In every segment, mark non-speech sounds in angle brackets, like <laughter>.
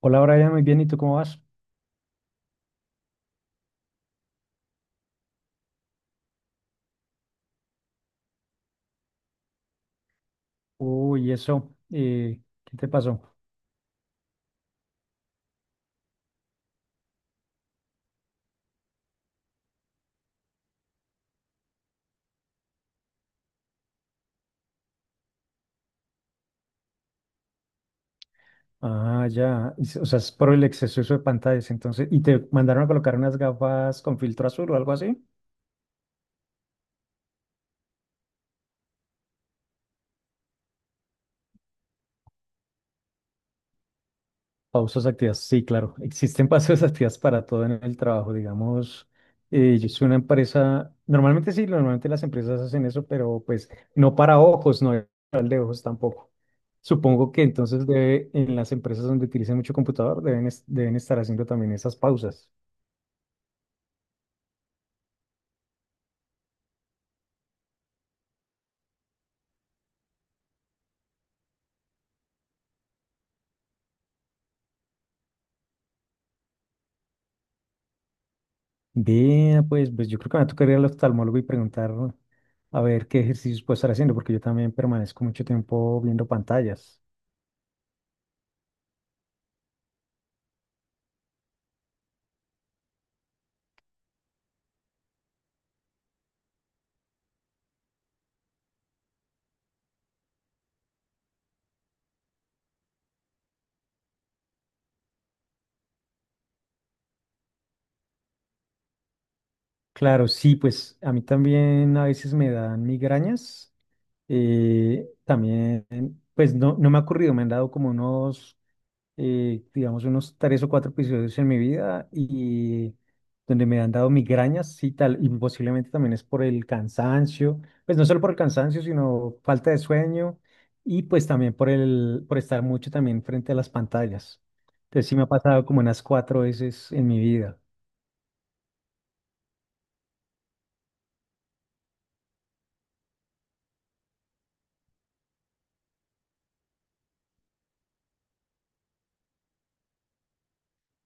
Hola Brian, muy bien, ¿y tú cómo vas? Uy, eso, ¿qué te pasó? Ah, ya, o sea, es por el exceso de pantallas, entonces, ¿y te mandaron a colocar unas gafas con filtro azul o algo así? Pausas activas, sí, claro, existen pausas <laughs> activas para todo en el trabajo, digamos, yo soy una empresa, normalmente sí, normalmente las empresas hacen eso, pero pues no para ojos, no para de ojos tampoco. Supongo que entonces debe, en las empresas donde utilicen mucho computador deben, deben estar haciendo también esas pausas. Bien, pues yo creo que me va a tocar ir al oftalmólogo y preguntar a ver qué ejercicios puedo estar haciendo, porque yo también permanezco mucho tiempo viendo pantallas. Claro, sí, pues a mí también a veces me dan migrañas. También, pues no me ha ocurrido, me han dado como unos, digamos, unos tres o cuatro episodios en mi vida y donde me han dado migrañas y tal, y posiblemente también es por el cansancio, pues no solo por el cansancio, sino falta de sueño y pues también por el, por estar mucho también frente a las pantallas. Entonces sí me ha pasado como unas cuatro veces en mi vida.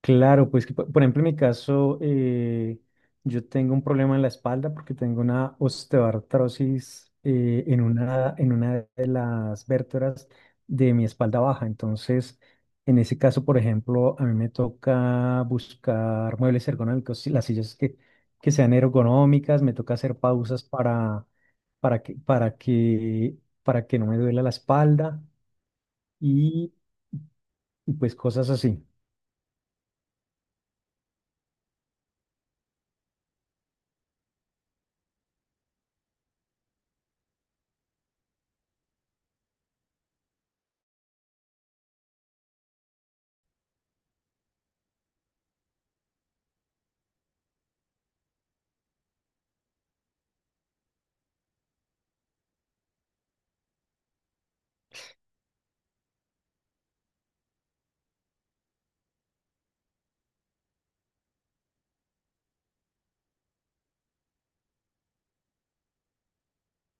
Claro, pues por ejemplo en mi caso, yo tengo un problema en la espalda porque tengo una osteoartrosis, en una, de las vértebras de mi espalda baja. Entonces, en ese caso, por ejemplo, a mí me toca buscar muebles ergonómicos, sí, las sillas que sean ergonómicas, me toca hacer pausas para que, para que, para que no me duela la espalda, y, y pues cosas así.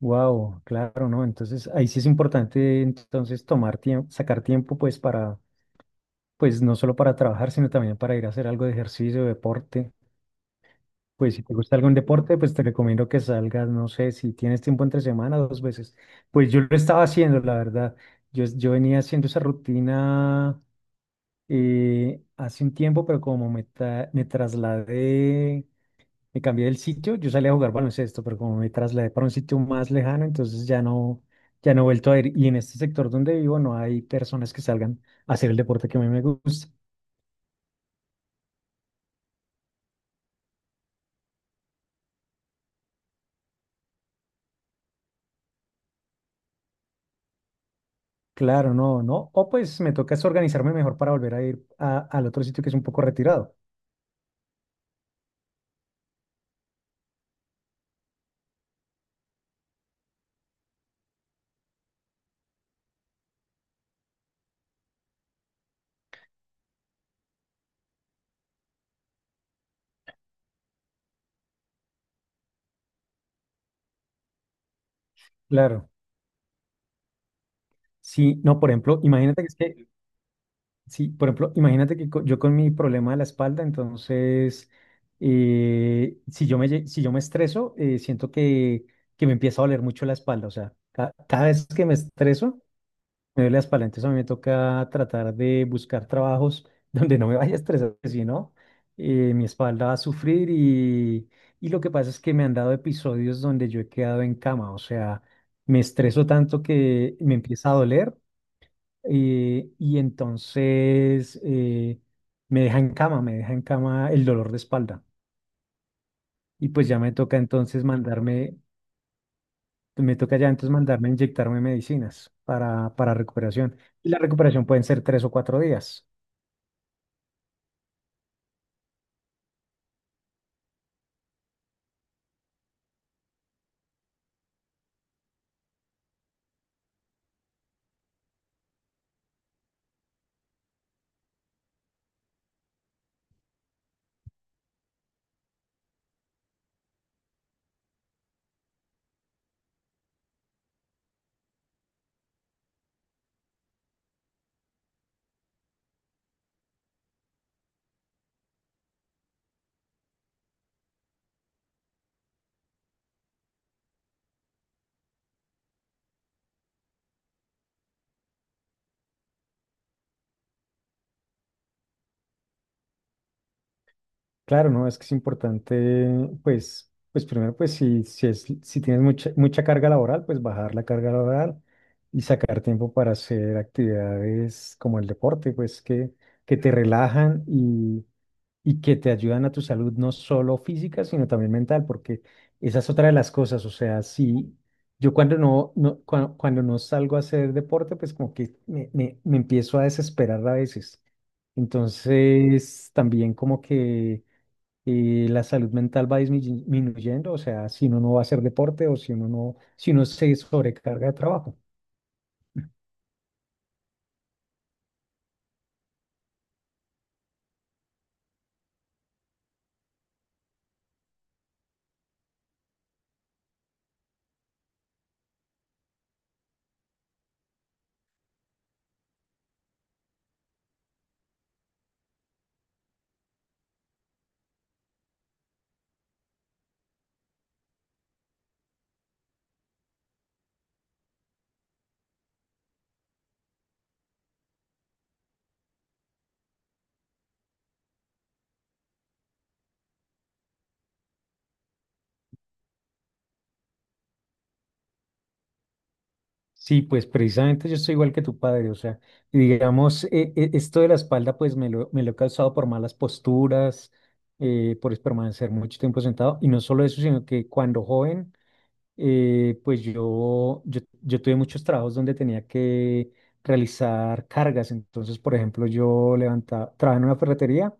Wow, claro, ¿no? Entonces ahí sí es importante entonces tomar tiempo, sacar tiempo pues para, pues no solo para trabajar, sino también para ir a hacer algo de ejercicio, deporte. Pues si te gusta algún deporte, pues te recomiendo que salgas, no sé, si tienes tiempo entre semana, dos veces. Pues yo lo estaba haciendo, la verdad. Yo venía haciendo esa rutina, hace un tiempo, pero como me trasladé, me cambié del sitio, yo salí a jugar baloncesto, pero como me trasladé para un sitio más lejano, entonces ya no he vuelto a ir. Y en este sector donde vivo no hay personas que salgan a hacer el deporte que a mí me gusta. Claro, no, no. O pues me toca es organizarme mejor para volver a ir al otro sitio que es un poco retirado. Claro. Sí, no, por ejemplo, imagínate que es que. Sí, por ejemplo, imagínate que yo con mi problema de la espalda, entonces, si yo si yo me estreso, siento que me empieza a doler mucho la espalda. O sea, cada vez que me estreso, me duele la espalda. Entonces a mí me toca tratar de buscar trabajos <laughs> donde no me vaya a estresar, porque si no, mi espalda va a sufrir, y lo que pasa es que me han dado episodios donde yo he quedado en cama. O sea, me estreso tanto que me empieza a doler, y entonces me deja en cama, me deja en cama el dolor de espalda. Y pues ya me toca entonces mandarme. Me toca ya entonces mandarme a inyectarme medicinas para recuperación. Y la recuperación pueden ser 3 o 4 días. Claro, ¿no? Es que es importante, pues primero, pues si tienes mucha, mucha carga laboral, pues bajar la carga laboral y sacar tiempo para hacer actividades como el deporte, pues que te relajan y que te ayudan a tu salud no solo física, sino también mental, porque esa es otra de las cosas, o sea, sí, yo cuando no salgo a hacer deporte, pues como que me empiezo a desesperar a veces. Entonces, también como que, la salud mental va disminuyendo, o sea, si uno no va a hacer deporte o si uno no, si uno se sobrecarga de trabajo. Sí, pues precisamente yo soy igual que tu padre, o sea, y digamos, esto de la espalda pues me lo he causado por malas posturas, por permanecer mucho tiempo sentado, y no solo eso, sino que cuando joven, pues yo tuve muchos trabajos donde tenía que realizar cargas, entonces, por ejemplo, yo levantaba, trabajaba en una ferretería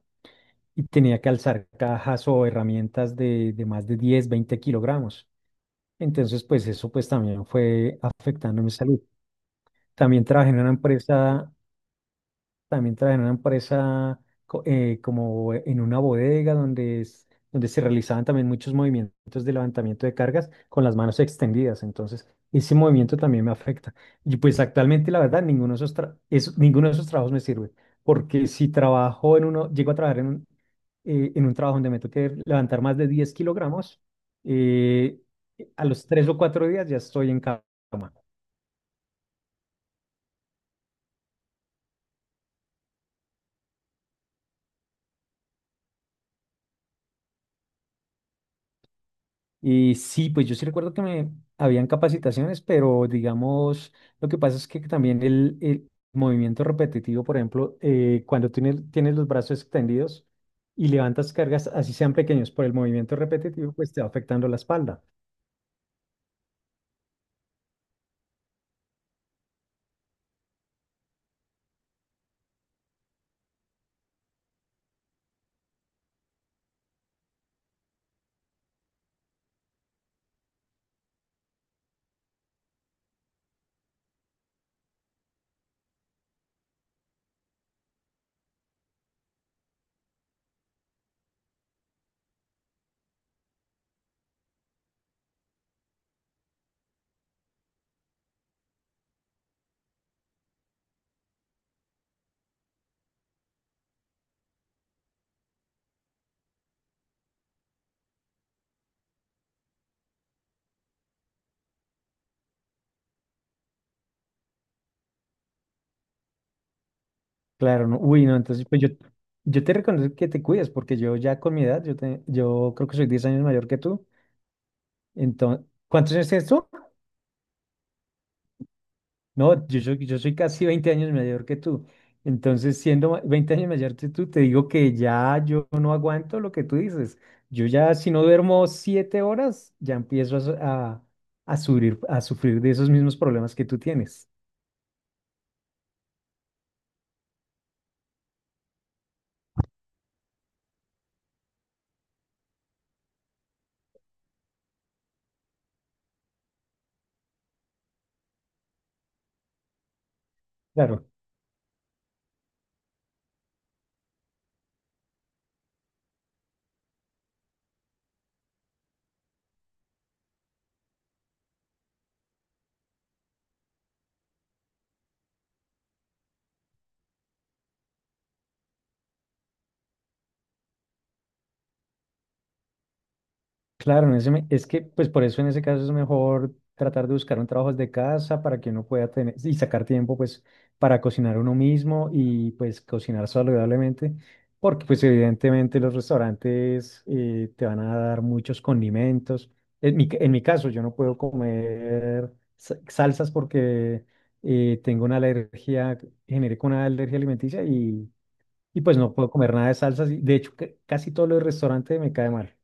y tenía que alzar cajas o herramientas de más de 10, 20 kilogramos, entonces, pues eso pues también fue afectando mi salud. También trabajé en una empresa, también trabajé en una empresa como en una bodega donde se realizaban también muchos movimientos de levantamiento de cargas con las manos extendidas. Entonces, ese movimiento también me afecta. Y pues actualmente, la verdad, ninguno de esos trabajos me sirve. Porque si trabajo en uno, llego a trabajar en un, en un trabajo donde me toque levantar más de 10 kilogramos, eh, a los 3 o 4 días ya estoy en cama. Y sí, pues yo sí recuerdo que me habían capacitaciones, pero digamos, lo que pasa es que también el movimiento repetitivo, por ejemplo, cuando tienes los brazos extendidos y levantas cargas, así sean pequeños, por el movimiento repetitivo, pues te va afectando la espalda. Claro, no, uy, no, entonces pues yo te reconozco que te cuides, porque yo ya con mi edad, yo creo que soy 10 años mayor que tú. Entonces, ¿cuántos años tienes tú? No, yo soy casi 20 años mayor que tú. Entonces, siendo 20 años mayor que tú, te digo que ya yo no aguanto lo que tú dices. Yo ya, si no duermo 7 horas, ya empiezo a, su- a sufrir de esos mismos problemas que tú tienes. Claro. Claro, en ese es que pues por eso en ese caso es mejor tratar de buscar un trabajo desde casa para que uno pueda tener y sacar tiempo pues para cocinar uno mismo y pues cocinar saludablemente, porque pues evidentemente los restaurantes, te van a dar muchos condimentos. En en mi caso yo no puedo comer salsas porque, tengo una alergia, generé con una alergia alimenticia, y pues no puedo comer nada de salsas. Y, de hecho, casi todo lo del restaurante me cae mal.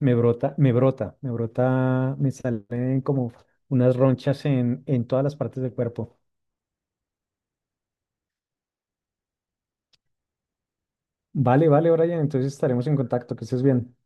Me brota, me salen como unas ronchas en todas las partes del cuerpo. Vale, vale, Brian, entonces estaremos en contacto, que estés bien.